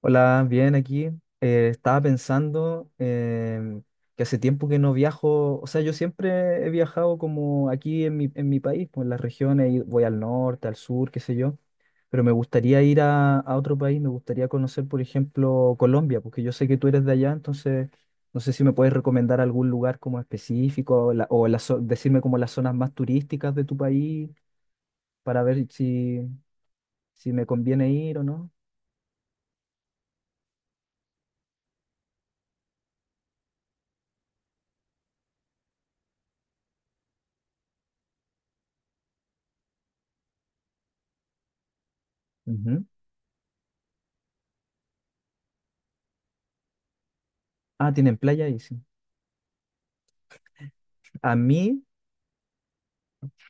Hola, bien aquí. Estaba pensando que hace tiempo que no viajo, o sea, yo siempre he viajado como aquí en mi país, pues en las regiones, y voy al norte, al sur, qué sé yo, pero me gustaría ir a otro país, me gustaría conocer, por ejemplo, Colombia, porque yo sé que tú eres de allá, entonces no sé si me puedes recomendar algún lugar como específico o, o decirme como las zonas más turísticas de tu país para ver si, si me conviene ir o no. Ujú. Ah, tienen playa ahí, sí. A mí...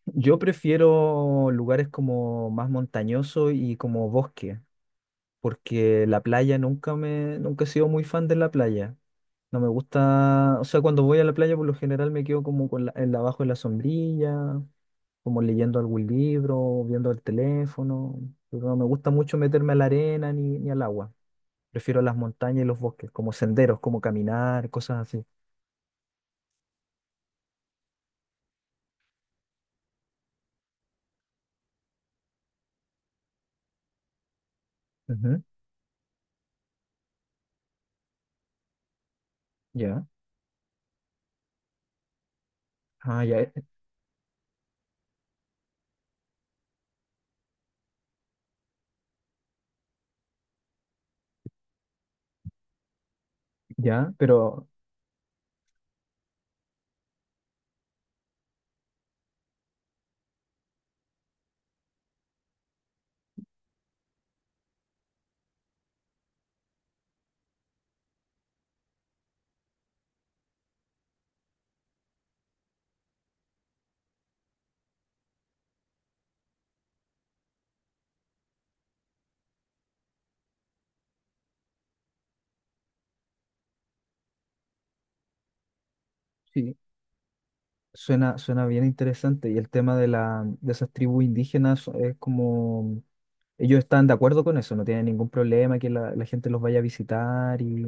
Yo prefiero lugares como más montañosos y como bosque, porque la playa nunca he sido muy fan de la playa. No me gusta, o sea, cuando voy a la playa por lo general me quedo como abajo de la sombrilla, como leyendo algún libro, viendo el teléfono, pero no me gusta mucho meterme a la arena ni al agua. Prefiero las montañas y los bosques, como senderos, como caminar, cosas así. Ujú. Ya. Ah, ya, ya, pero sí. Suena, suena bien interesante. Y el tema de la, de esas tribus indígenas es como ellos están de acuerdo con eso, no tienen ningún problema que la gente los vaya a visitar y,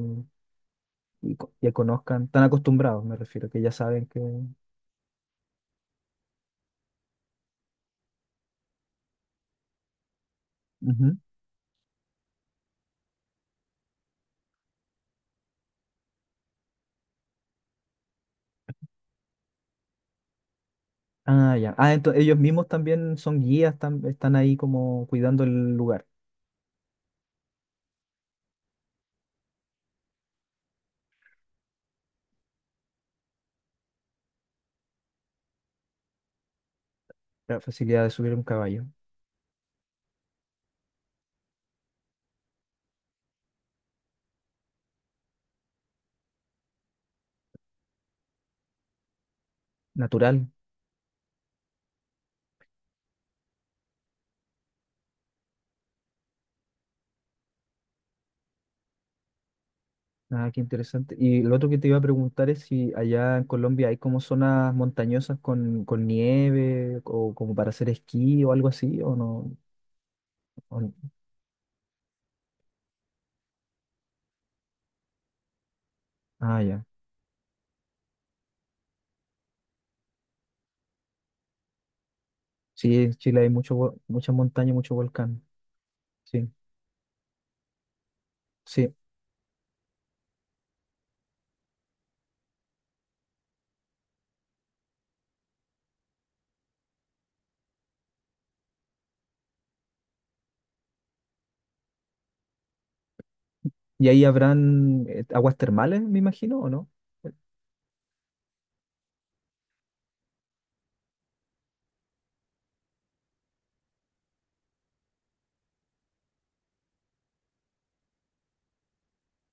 y conozcan, están acostumbrados, me refiero, que ya saben que. Ujú. Ah, ya. Ah, entonces ellos mismos también son guías, están ahí como cuidando el lugar, la facilidad de subir un caballo. Natural. Ah, qué interesante. Y lo otro que te iba a preguntar es si allá en Colombia hay como zonas montañosas con nieve o como para hacer esquí o algo así, o no. O no. Ah, ya. Sí, en Chile hay mucho, muchas montañas, mucho volcán. Sí, sí. Y ahí habrán aguas termales, me imagino, ¿o no?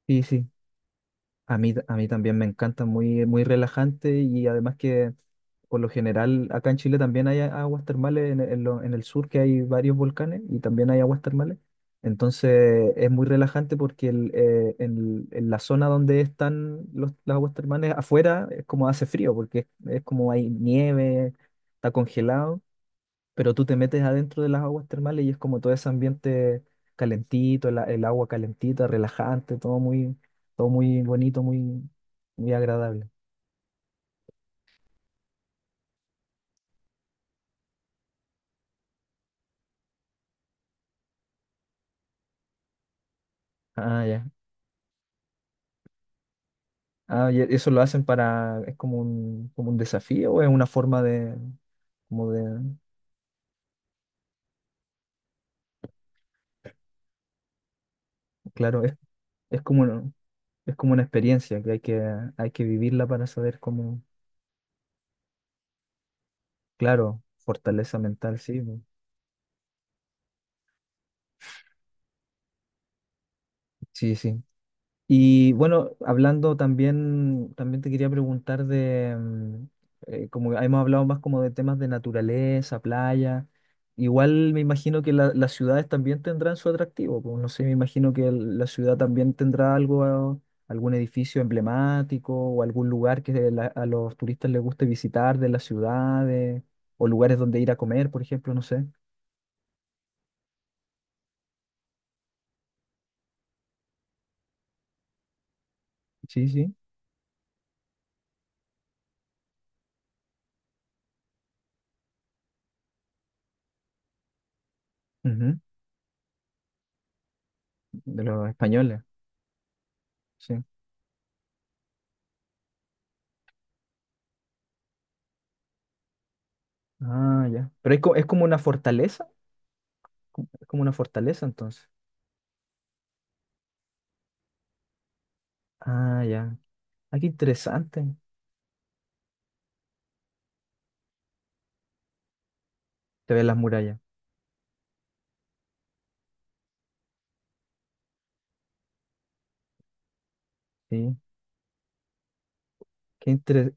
Sí, sí. A mí también me encanta, muy, muy relajante y además que por lo general acá en Chile también hay aguas termales en, en el sur que hay varios volcanes y también hay aguas termales. Entonces es muy relajante porque en la zona donde están las aguas termales afuera es como hace frío porque es como hay nieve, está congelado pero tú te metes adentro de las aguas termales y es como todo ese ambiente calentito, el agua calentita, relajante, todo muy bonito, muy, muy agradable. Ah, ya. Ah, y eso lo hacen para, es como un desafío o es una forma de, como de, claro, es como, es como una experiencia que hay que, hay que vivirla para saber cómo, claro, fortaleza mental, sí, pues. Sí, sí. Y bueno, hablando también, también te quería preguntar de, como hemos hablado más como de temas de naturaleza, playa, igual me imagino que las ciudades también tendrán su atractivo, pues no sé, me imagino que la ciudad también tendrá algo, ah, algún edificio emblemático o algún lugar que a los turistas les guste visitar de las ciudades o lugares donde ir a comer, por ejemplo, no sé. Sí, sí. Ujú. De los españoles, sí. Ah, ya. Pero es, es como una fortaleza. Es como una fortaleza entonces. Ah, ya. Ah, qué interesante. Se ven las murallas. Sí. Qué intere-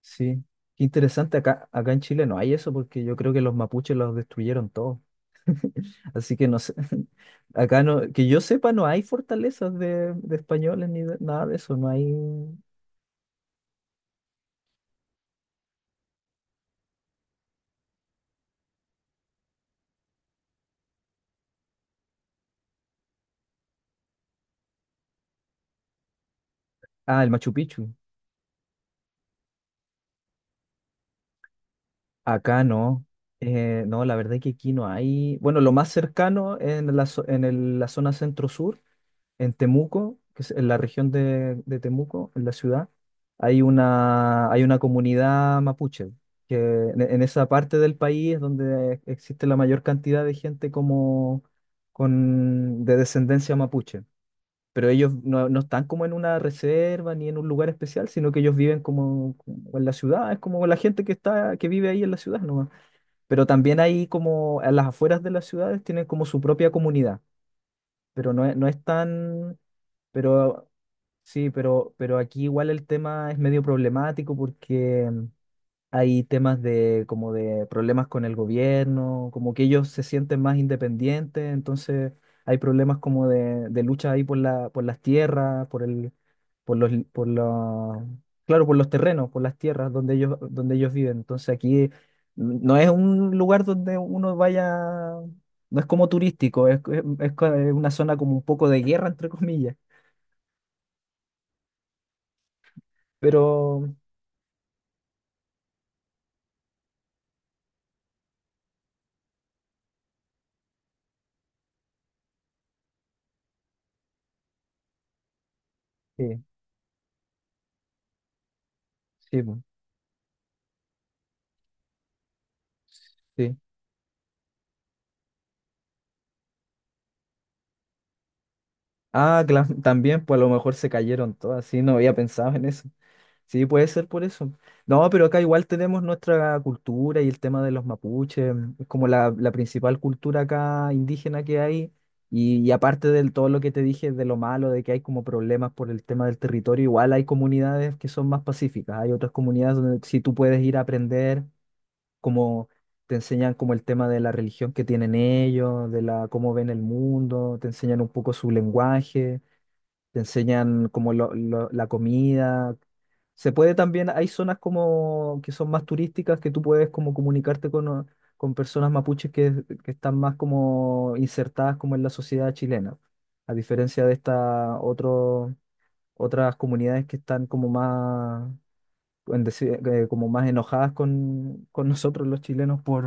sí. Qué interesante. Acá en Chile no hay eso porque yo creo que los mapuches los destruyeron todos. Así que no sé. Acá no, que yo sepa, no hay fortalezas de españoles ni nada de eso. No hay. Ah, el Machu Picchu. Acá no. No, la verdad es que aquí no hay. Bueno, lo más cercano en la, en la zona centro-sur, en Temuco, que es en la región de Temuco, en la ciudad, hay una comunidad mapuche, que en esa parte del país es donde existe la mayor cantidad de gente como con, de descendencia mapuche, pero ellos no, no están como en una reserva ni en un lugar especial, sino que ellos viven como, como en la ciudad, es como la gente que está, que vive ahí en la ciudad nomás. Pero también ahí como a las afueras de las ciudades tienen como su propia comunidad, pero no es, no es tan, pero sí, pero aquí igual el tema es medio problemático porque hay temas de como de problemas con el gobierno, como que ellos se sienten más independientes, entonces hay problemas como de lucha ahí por la, por las tierras, por el, por los, por la, claro, por los terrenos, por las tierras donde ellos viven. Entonces aquí no es un lugar donde uno vaya, no es como turístico, es, es una zona como un poco de guerra, entre comillas. Pero sí, sí, pues, sí. Ah, también, pues a lo mejor se cayeron todas, sí, no había pensado en eso. Sí, puede ser por eso. No, pero acá igual tenemos nuestra cultura y el tema de los mapuches, es como la principal cultura acá indígena que hay. Y aparte de todo lo que te dije de lo malo, de que hay como problemas por el tema del territorio, igual hay comunidades que son más pacíficas. Hay otras comunidades donde sí tú puedes ir a aprender, como te enseñan como el tema de la religión que tienen ellos, de la cómo ven el mundo, te enseñan un poco su lenguaje. Te enseñan como la comida. Se puede también, hay zonas como que son más turísticas que tú puedes como comunicarte con, con personas mapuches que están más como insertadas como en la sociedad chilena, a diferencia de estas otras comunidades que están como más, en como más enojadas con nosotros los chilenos por,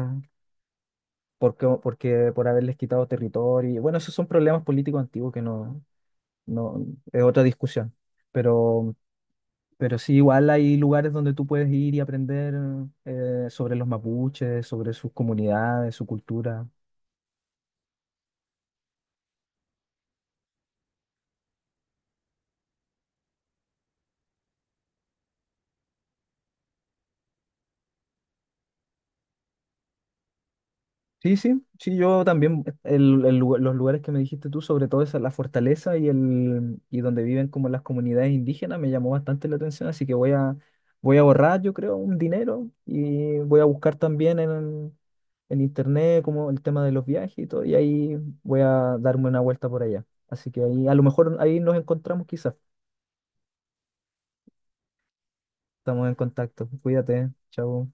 porque, porque por haberles quitado territorio. Y bueno, esos son problemas políticos antiguos que no, no, es otra discusión. Pero, pero sí, igual hay lugares donde tú puedes ir y aprender sobre los mapuches, sobre sus comunidades, su cultura. Sí, sí, sí, yo también, los lugares que me dijiste tú, sobre todo esa, la fortaleza y, el, y donde viven como las comunidades indígenas, me llamó bastante la atención, así que voy a, voy a ahorrar, yo creo, un dinero y voy a buscar también en internet, como el tema de los viajes y todo, y ahí voy a darme una vuelta por allá. Así que ahí, a lo mejor ahí nos encontramos quizás. Estamos en contacto. Cuídate, chao.